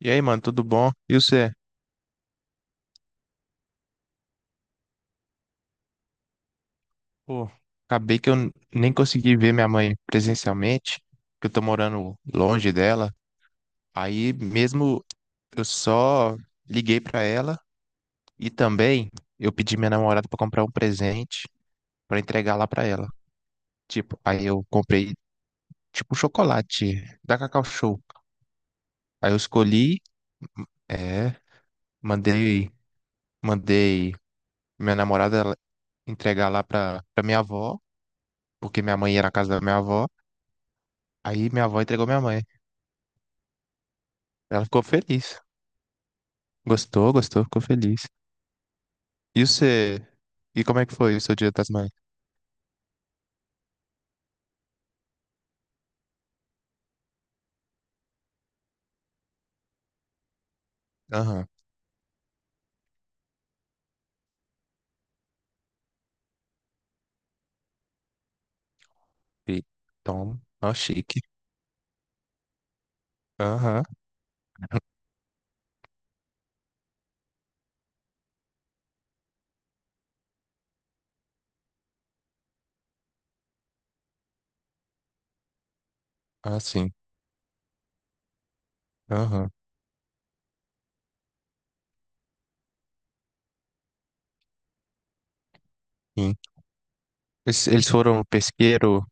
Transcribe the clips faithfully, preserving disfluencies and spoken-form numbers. E aí, mano, tudo bom? E você? Pô, acabei que eu n- nem consegui ver minha mãe presencialmente, que eu tô morando longe dela. Aí mesmo eu só liguei pra ela e também eu pedi minha namorada pra comprar um presente pra entregar lá pra ela. Tipo, aí eu comprei tipo um chocolate da Cacau Show. Aí eu escolhi, é, mandei, mandei minha namorada ela entregar lá pra, pra minha avó, porque minha mãe ia na casa da minha avó. Aí minha avó entregou minha mãe. Ela ficou feliz. Gostou, gostou, ficou feliz. E você? E como é que foi o seu Dia das Mães? Aham. E Tom, ó, chique. Aham. Ah, sim. Aham. Sim. Eles, eles foram pesqueiro,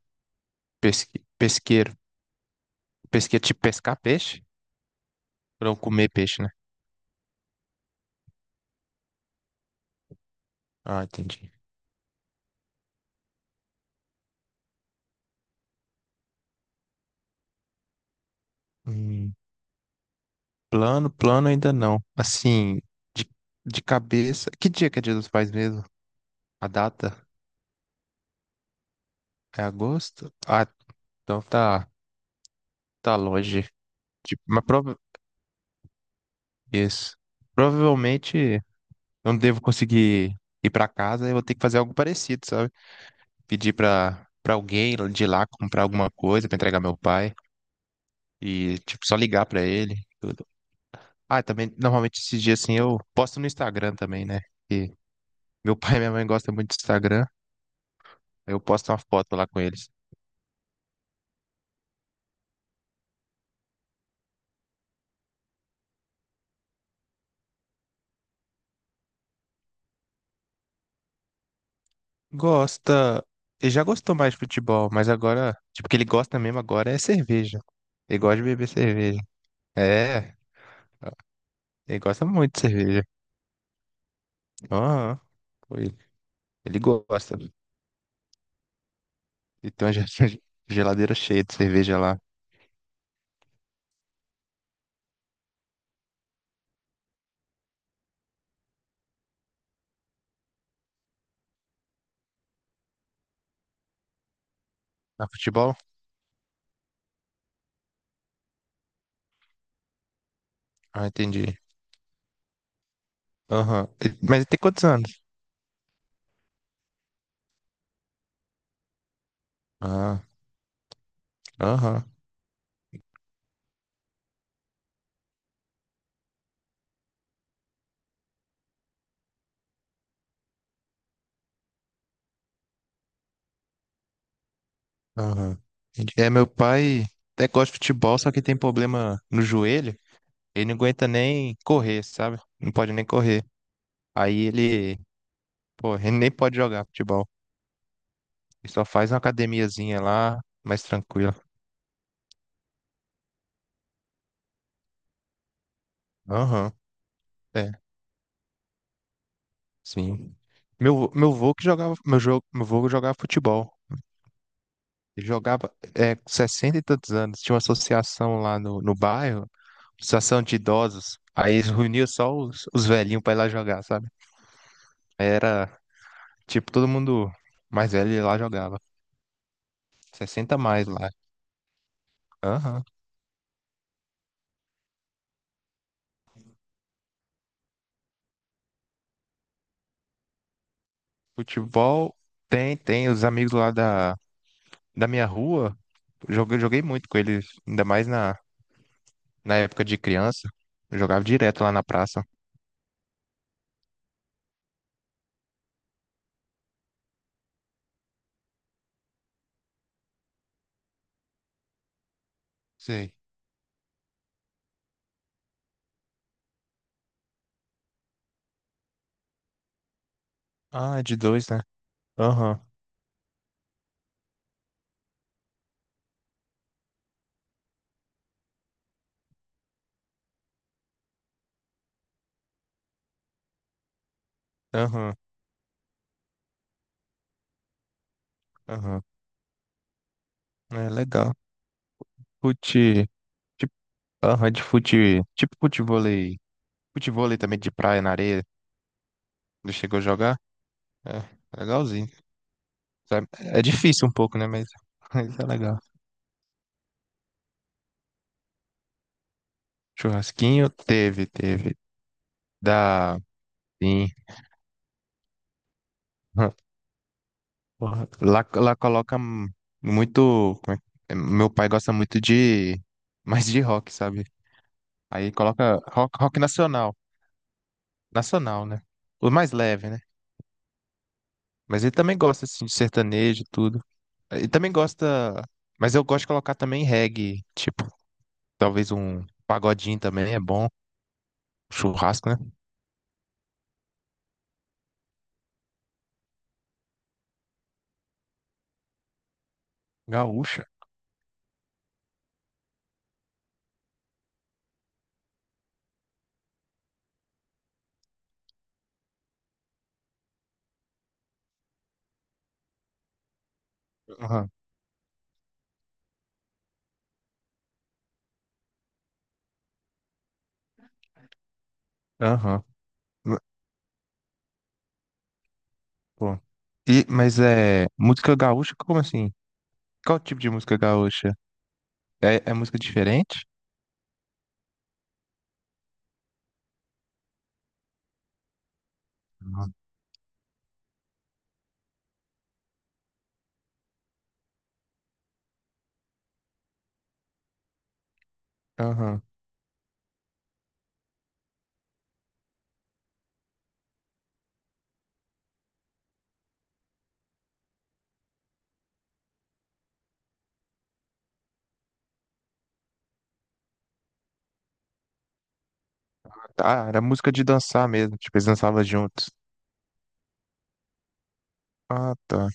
pesque, pesqueiro, pesqueiro, tipo pescar peixe? Foram comer peixe, né? Ah, entendi. Hum, Plano, plano ainda não. Assim, de, de cabeça. Que dia que é Dia dos Pais mesmo? A data? É agosto? Ah, então tá, tá longe. Tipo, mas isso. Provavelmente eu não devo conseguir ir para casa, eu vou ter que fazer algo parecido, sabe? Pedir para para alguém de lá comprar alguma coisa para entregar meu pai e tipo só ligar para ele. Tudo. Ah, também normalmente esses dias assim eu posto no Instagram também, né? E meu pai e minha mãe gostam muito do Instagram, aí eu posto uma foto lá com eles. Gosta, ele já gostou mais de futebol, mas agora, tipo, o que ele gosta mesmo agora é cerveja. Ele gosta de beber cerveja. É, ele gosta muito de cerveja. Aham, foi. Ele gosta. E tem uma ge- geladeira cheia de cerveja lá. Na futebol? Ah, entendi. Aham. E- Mas ele tem quantos anos? Ah, aham, aham. Entendi. É, meu pai até gosta de futebol, só que tem problema no joelho. Ele não aguenta nem correr, sabe? Não pode nem correr. Aí ele, pô, ele nem pode jogar futebol. E só faz uma academiazinha lá, mais tranquila. Aham, é, sim. Meu, meu vô que jogava, meu, jo, meu vô jogava futebol. Ele jogava é, com sessenta e tantos anos. Tinha uma associação lá no, no bairro, associação de idosos. Aí eles reuniam só os, os velhinhos pra ir lá jogar, sabe? Aí era, tipo, todo mundo mais velho ia lá jogava. Sessenta a mais lá. Aham. Futebol tem, tem. Os amigos lá da, da minha rua, joguei, joguei muito com eles, ainda mais na, Na época de criança, eu jogava direto lá na praça. Sei. Ah, é de dois, né? Aham, aham, aham. É legal. Fute. Tipo, aham, de fute. Tipo futevôlei. Futevôlei também de praia, na areia. Não chegou a jogar? É, é legalzinho. Sabe? É é difícil um pouco, né? Mas, mas é legal. Churrasquinho teve, teve. Da. Sim. Porra, Lá, lá coloca m- muito. como é que- é, Meu pai gosta muito de. Mais de rock, sabe? Aí coloca rock, rock nacional. Nacional, né? O mais leve, né? Mas ele também gosta, assim, de sertanejo e tudo. Ele também gosta. Mas eu gosto de colocar também reggae. Tipo, talvez um pagodinho também é bom. Churrasco, né? Gaúcha. Aham. Aham. Ma- Pô. E, mas é. Música gaúcha? Como assim? Qual tipo de música gaúcha? É, é música diferente? Uhum. Aham. Ah, era música de dançar mesmo. Tipo, eles dançavam juntos. Ah, tá.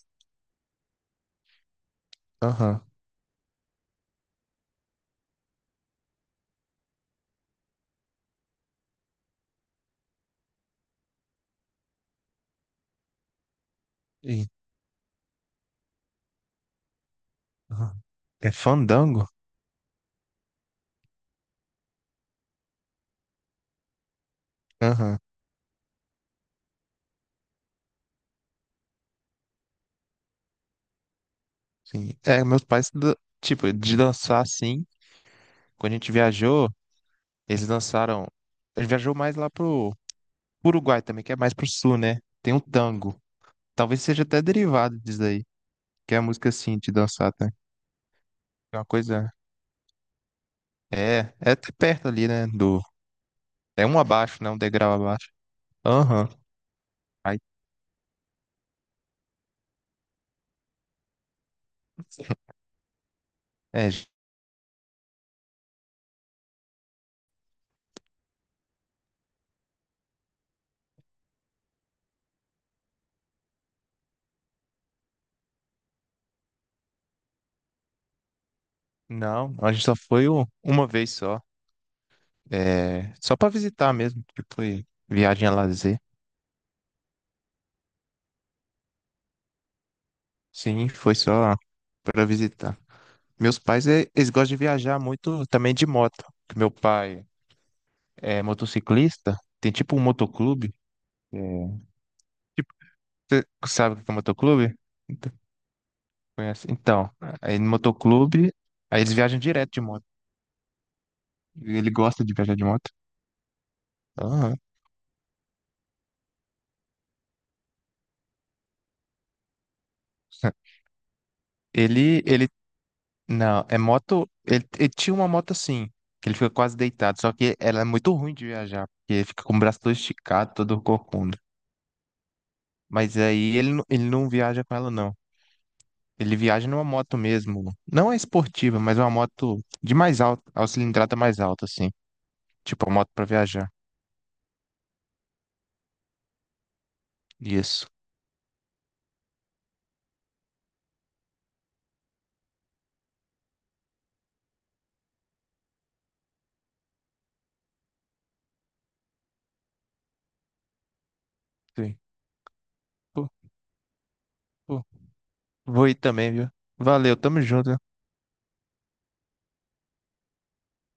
Aham. Ih, aham. É fandango? Aham. Sim. É, meus pais, dan- tipo, de dançar assim. Quando a gente viajou, eles dançaram. A gente viajou mais lá pro pro Uruguai também, que é mais pro sul, né? Tem um tango. Talvez seja até derivado disso aí. Que é a música assim, de dançar, tá? É uma coisa. É, é até perto ali, né? Do. É um abaixo, né? Um degrau abaixo. Aham. Aí. É, não, a gente só foi u- uma vez só. É, só pra visitar mesmo, que foi viagem a lazer. Sim, foi só pra visitar. Meus pais, eh, eles gostam de viajar muito também de moto. Que meu pai é motociclista, tem tipo um motoclube. É. Tipo, você sabe o que é motoclube? Então, conhece? Então, aí no motoclube, aí eles viajam direto de moto. Ele gosta de viajar de moto. Aham. Ele, ele não, é moto. Ele, ele tinha uma moto assim, que ele fica quase deitado, só que ela é muito ruim de viajar, porque ele fica com o braço todo esticado, todo corcunda. Mas aí ele, não- ele não viaja com ela, não. Ele viaja numa moto mesmo. Não é esportiva, mas uma moto de mais alta, a cilindrada mais alta, assim. Tipo, uma moto pra viajar. Isso. Sim. Pô, pô. Vou ir também, viu? Valeu, tamo junto.